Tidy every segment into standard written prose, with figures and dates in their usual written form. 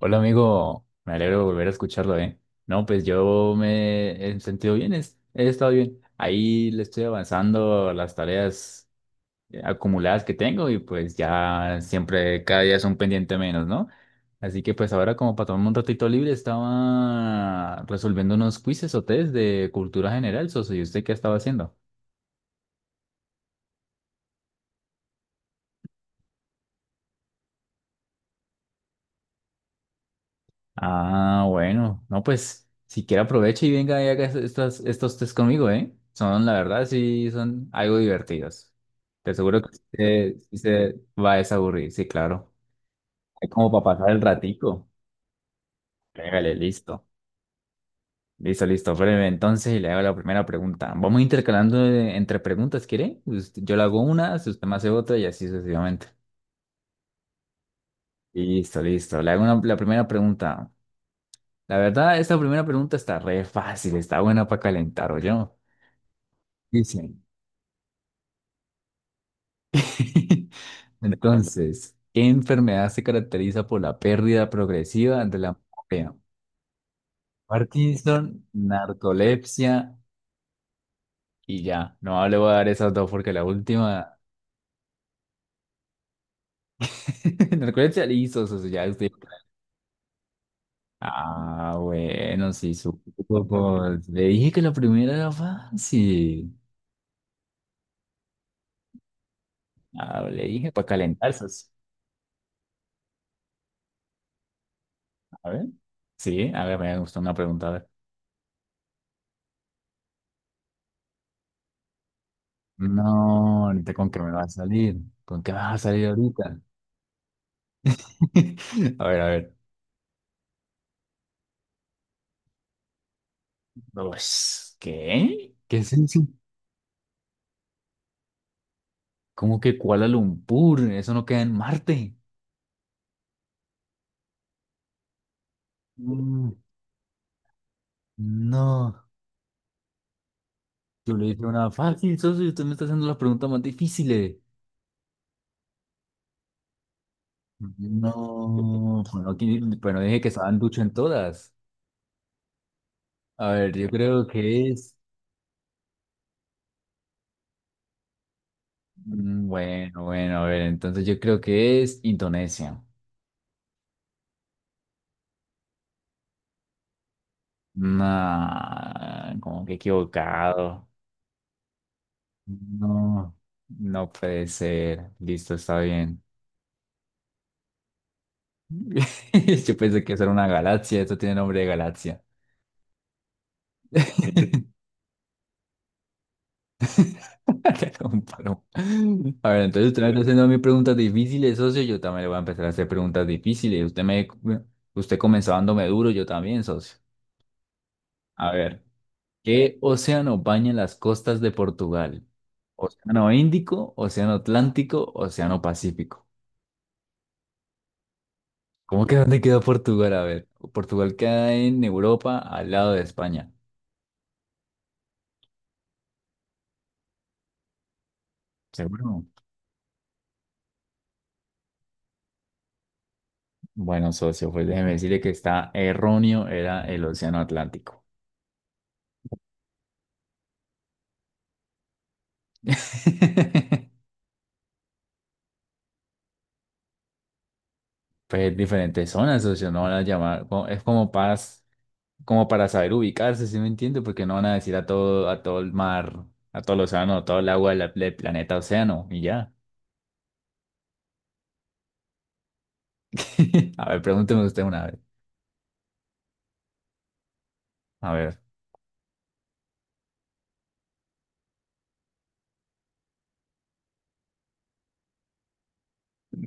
Hola amigo, me alegro de volver a escucharlo, ¿eh? No, pues yo me he sentido bien, he estado bien. Ahí le estoy avanzando a las tareas acumuladas que tengo y pues ya siempre, cada día es un pendiente menos, ¿no? Así que pues ahora como para tomarme un ratito libre estaba resolviendo unos quizzes o test de cultura general, socio. ¿Y usted qué estaba haciendo? Ah, bueno, no, pues si quiere aproveche y venga y haga estos test conmigo, ¿eh? Son, la verdad, sí, son algo divertidos. Te aseguro que usted sí se va a desaburrir, sí, claro. Es como para pasar el ratico. Pégale, listo. Listo, listo. Breve, entonces y le hago la primera pregunta. Vamos intercalando entre preguntas, ¿quiere? Usted- Yo le hago una, si usted me hace otra y así sucesivamente. Listo, listo. La primera pregunta. La verdad, esta primera pregunta está re fácil, está buena para calentar, ¿oyó? Dicen. Entonces, ¿qué enfermedad se caracteriza por la pérdida progresiva de la memoria? Parkinson, narcolepsia y ya. No le voy a dar esas dos porque la última. Narcolepsia le hizo eso, ya estoy. Ah, bueno, sí, supo. Pues, le dije que la primera era fácil. Ah, le dije para calentarse. Sí. A ver. Sí, a ver, me gustó una pregunta. A ver. No, ahorita con qué me va a salir. ¿Con qué vas a salir ahorita? A ver, a ver. Pues, ¿qué? ¿Qué es eso? ¿Cómo que Kuala Lumpur? Eso no queda en Marte. Mm, no, yo le hice una fácil, socio, y usted me está haciendo las preguntas más difíciles. No, bueno, aquí, bueno, dije que estaban ducho en todas. A ver, yo creo que es. Bueno, bueno, a ver, entonces yo creo que es Indonesia. Nah, como que equivocado. No, no puede ser. Listo, está bien. Yo pensé que eso era una galaxia, esto tiene nombre de galaxia. Te lo comparo. A ver, entonces usted me está haciendo a mí preguntas difíciles, socio. Yo también le voy a empezar a hacer preguntas difíciles. Usted comenzó dándome duro, yo también, socio. A ver, ¿qué océano baña las costas de Portugal? ¿Océano Índico, Océano Atlántico, Océano Pacífico? ¿Cómo que dónde queda Portugal? A ver, Portugal queda en Europa, al lado de España. ¿Seguro? Bueno, socio, pues déjeme decirle que está erróneo, era el Océano Atlántico. Pues diferentes zonas, socio, no van a es como para, como para saber ubicarse, ¿sí me entiende? Porque no van a decir a todo el mar, a todo el océano, a todo el agua del planeta océano, y ya. A ver, pregúnteme usted una vez. A ver.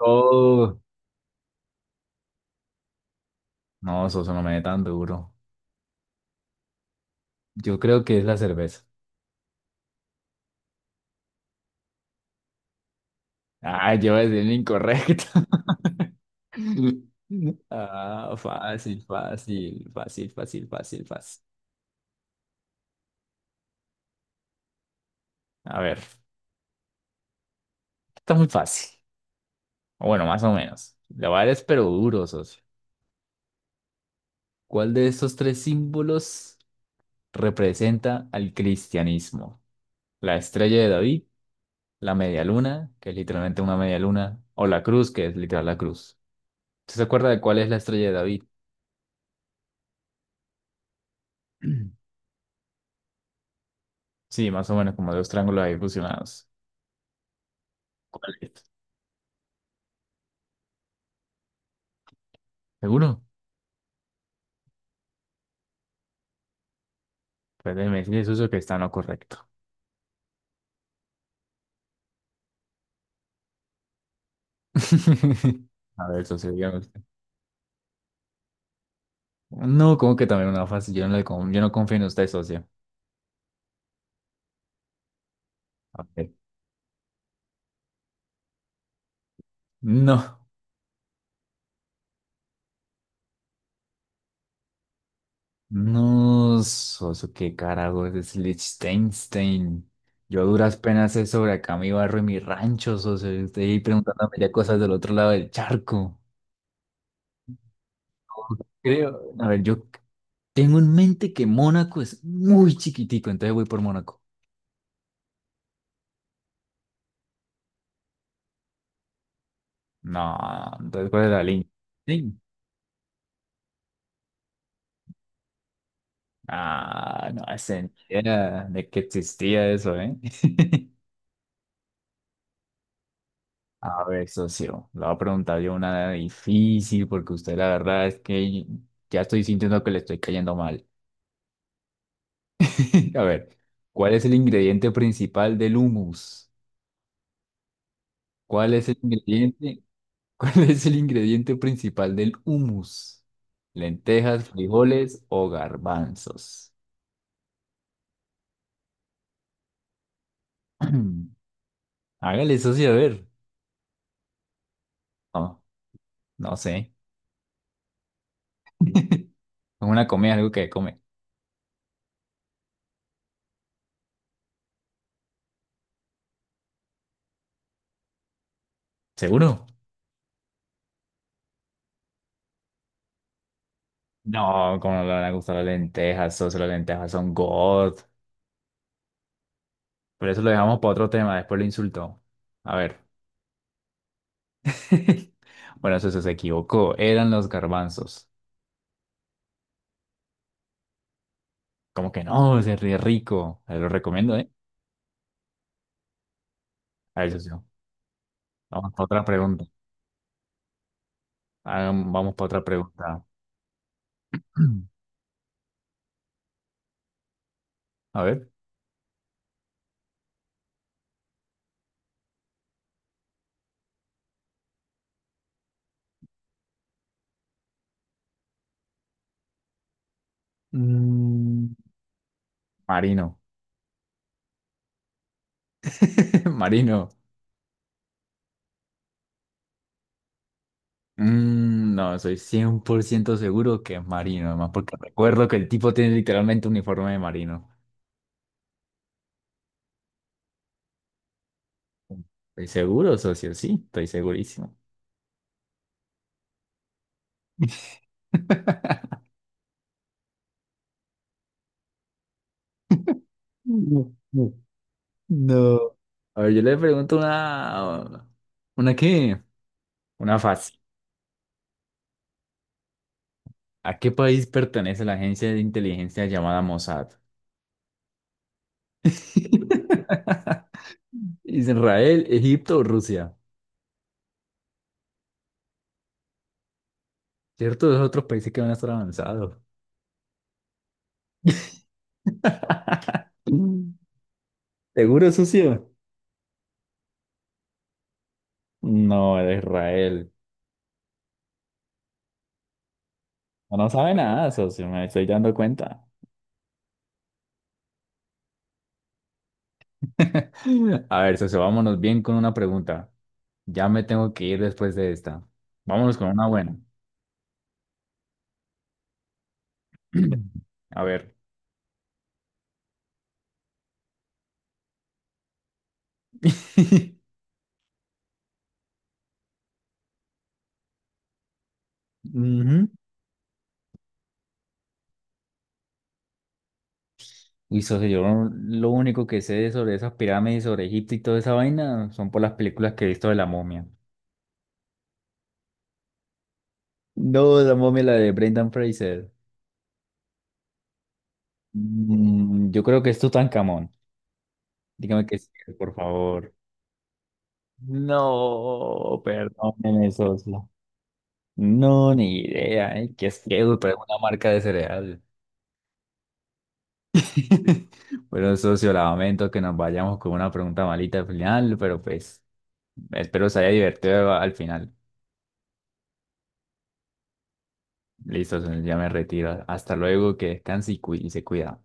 Oh, no, socio, no me dé tan duro. Yo creo que es la cerveza. Ah, yo voy a decir el incorrecto. Ah, fácil, fácil, fácil, fácil, fácil, fácil. A ver, está muy fácil. O bueno, más o menos. La voy a dar es pero duro, socio. ¿Cuál de estos tres símbolos representa al cristianismo? La estrella de David, la media luna, que es literalmente una media luna, o la cruz, que es literal la cruz. ¿Usted se acuerda de cuál es la estrella de David? Sí, más o menos como dos triángulos ahí fusionados. ¿Cuál es? ¿Seguro? Pues déjeme decirle, socio, que está en lo correcto. A ver, socio, dígame usted. No, como que también una fácil. Yo no, yo no confío en usted, socio. A ver. No, no, socio, qué carajo es Liechtenstein. Yo a duras penas sé sobre acá mi barrio y mi rancho, socio. Y usted ahí preguntándome ya cosas del otro lado del charco. Creo. A ver, yo tengo en mente que Mónaco es muy chiquitico, entonces voy por Mónaco. No, entonces, ¿cuál es la línea? Sí. Ah, no hacen idea de que existía eso, ¿eh? A ver, socio, le voy a preguntar yo una difícil porque usted la verdad es que ya estoy sintiendo que le estoy cayendo mal. A ver, ¿cuál es el ingrediente principal del hummus? ¿Cuál es el ingrediente? ¿Cuál es el ingrediente principal del hummus? ¿Lentejas, frijoles o garbanzos? Hágale, socio, a ver. No, no sé. Es una comida, algo que come. ¿Seguro? No, como no le van a gustar las lentejas, socio, las lentejas son God. Pero eso lo dejamos para otro tema, después lo insultó. A ver. Bueno, socio, se equivocó. Eran los garbanzos. Como que no, se ríe rico. Se lo recomiendo, ¿eh? A ver, socio. Vamos para otra pregunta. Vamos para otra pregunta. A ver. Mm, Marino. Marino. No, soy 100% seguro que es marino, además porque recuerdo que el tipo tiene literalmente un uniforme de marino. Estoy seguro, socio, sí, estoy segurísimo. No. no. No. A ver, yo le pregunto una... ¿Una qué? Una fácil. ¿A qué país pertenece la agencia de inteligencia llamada Mossad? Israel, Egipto o Rusia. Cierto, esos otros países que van a estar avanzados. ¿Seguro, socio? No, era Israel. No, no sabe nada, socio, me estoy dando cuenta. A ver, socio, vámonos bien con una pregunta. Ya me tengo que ir después de esta. Vámonos con una buena. A ver. Ujú. Uy, socio, yo no- lo único que sé sobre esas pirámides, sobre Egipto y toda esa vaina son por las películas que he visto de la momia. No, la momia, la de Brendan Fraser. Yo creo que es Tutankamón. Dígame que sí, por favor. No, perdónenme, socio. No, ni idea, ¿eh? ¿Qué es que Pero es una marca de cereal. Bueno, socio, lamento que nos vayamos con una pregunta malita al final, pero pues espero se haya divertido al final. Listo, socio, ya me retiro. Hasta luego, que descanse y, y se cuida.